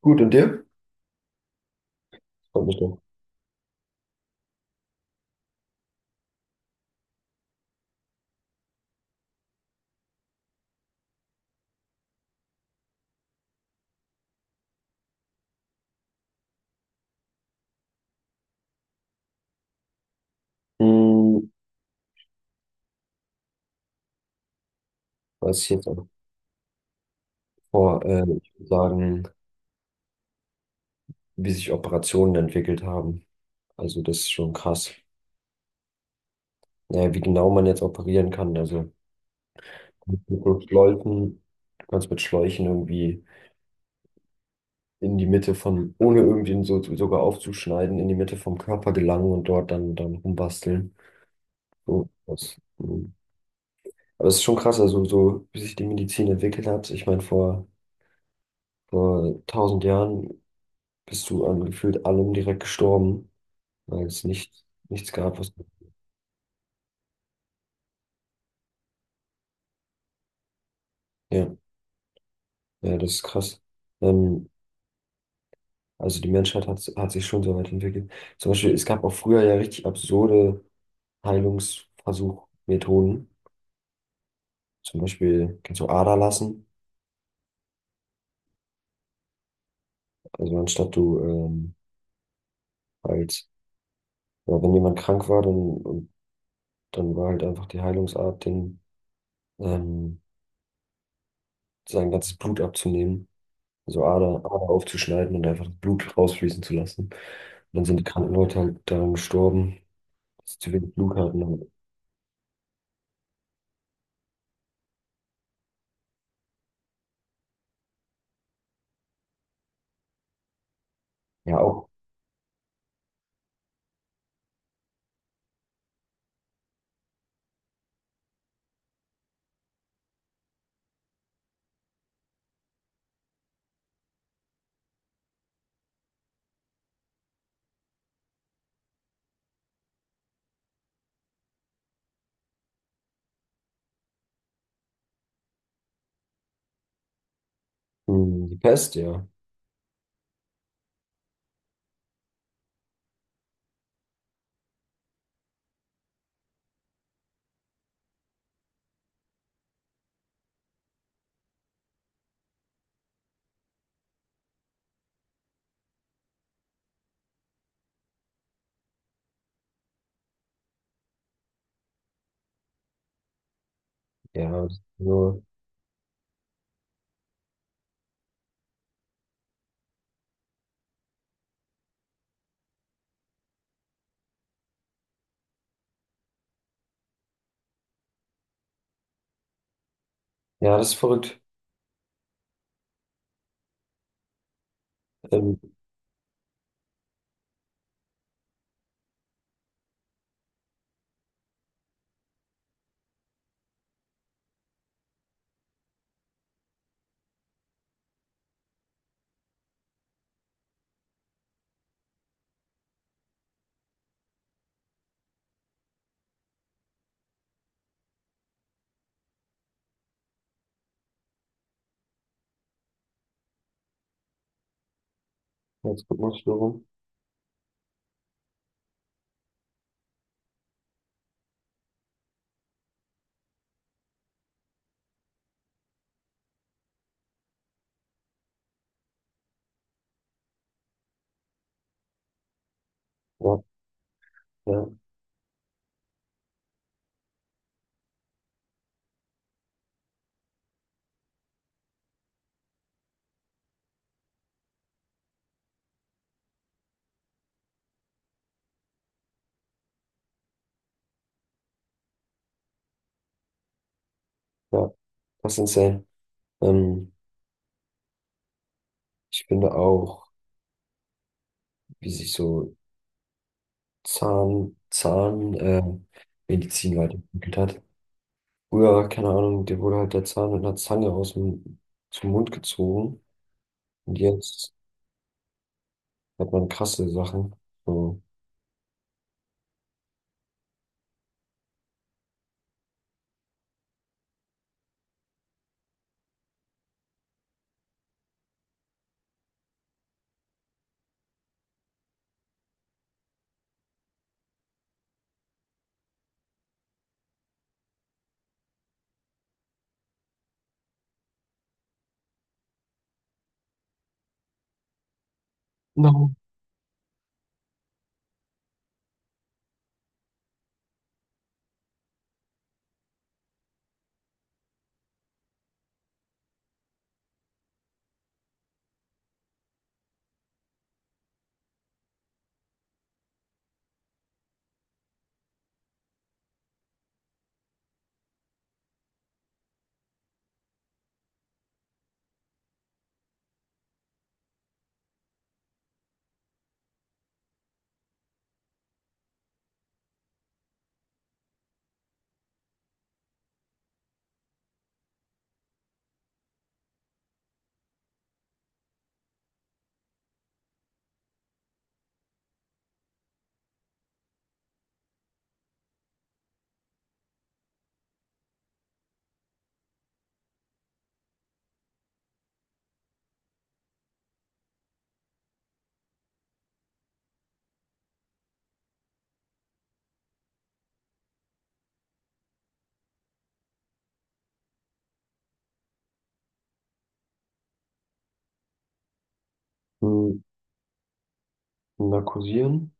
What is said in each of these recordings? Gut, und dir? Freut mich doch. Hm, was ich jetzt auch vor, ich würde sagen, wie sich Operationen entwickelt haben. Also das ist schon krass. Naja, wie genau man jetzt operieren kann. Also mit Schläuchen, du kannst mit Schläuchen irgendwie in die Mitte von, ohne irgendwie so, sogar aufzuschneiden, in die Mitte vom Körper gelangen und dort dann rumbasteln. So, das, Aber es ist schon krass, also so, wie sich die Medizin entwickelt hat. Ich meine, vor 1000 Jahren bist du an gefühlt allem direkt gestorben, weil es nichts gab, was. Ja, ja, das ist krass. Ähm, also die Menschheit hat sich schon so weit entwickelt. Zum Beispiel, es gab auch früher ja richtig absurde Heilungsversuchmethoden. Zum Beispiel kannst du Ader lassen. Also anstatt du halt, ja, wenn jemand krank war, und dann war halt einfach die Heilungsart, den, ähm, sein ganzes Blut abzunehmen, so Ader aufzuschneiden und einfach das Blut rausfließen zu lassen. Und dann sind die kranken Leute halt daran gestorben, dass sie zu wenig Blut hatten. Und ja, auch mh, die Pest, ja. Ja, das ist nur, ja, das ist verrückt. Ähm, Herzrhythmusstörung. Ja, ja, ja, das ist insane. Ähm, ich finde auch, wie sich so Zahn- Medizin weiterentwickelt hat. Früher, keine Ahnung, dir wurde halt der Zahn mit einer Zange aus dem, zum Mund gezogen. Und jetzt hat man krasse Sachen. So. No. Hm, narkosieren?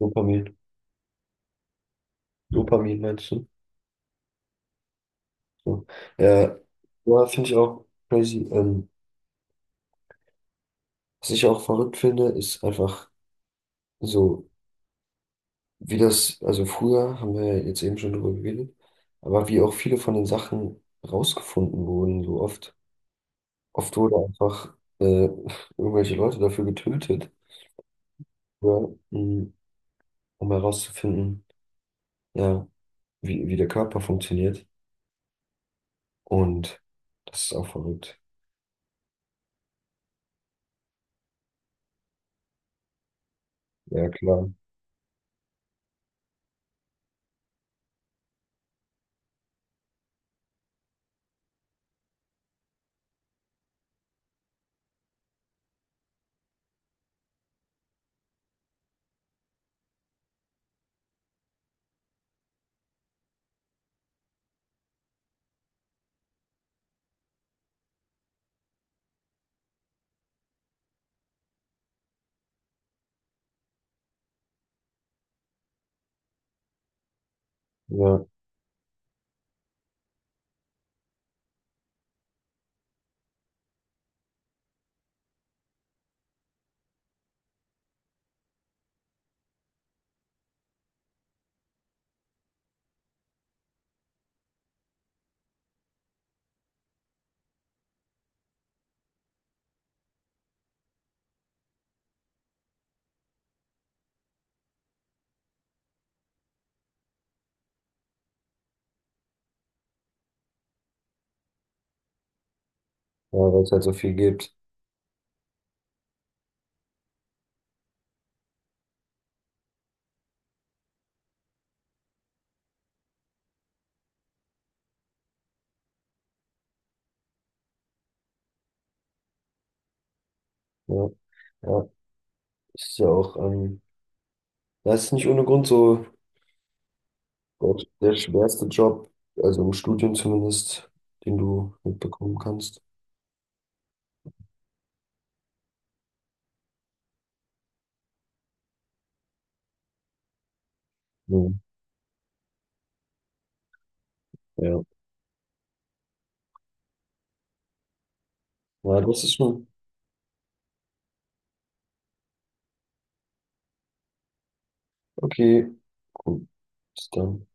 Dopamin. Dopamin meinst du? So. Ja, ja finde ich auch crazy. Was ich auch verrückt finde, ist einfach so, wie das, also früher haben wir ja jetzt eben schon drüber geredet, aber wie auch viele von den Sachen rausgefunden wurden, so oft. Oft wurde einfach irgendwelche Leute dafür getötet, ja, um herauszufinden, ja, wie der Körper funktioniert. Und das ist auch verrückt. Ja, klar. Ja, ja weil es halt so viel gibt. Ja, ja. Das ist ja auch, das ist nicht ohne Grund so der, der schwerste Job, also im Studium zumindest, den du mitbekommen kannst. Ja, ja. Ja, das ist schon okay. Gut. Bis dann.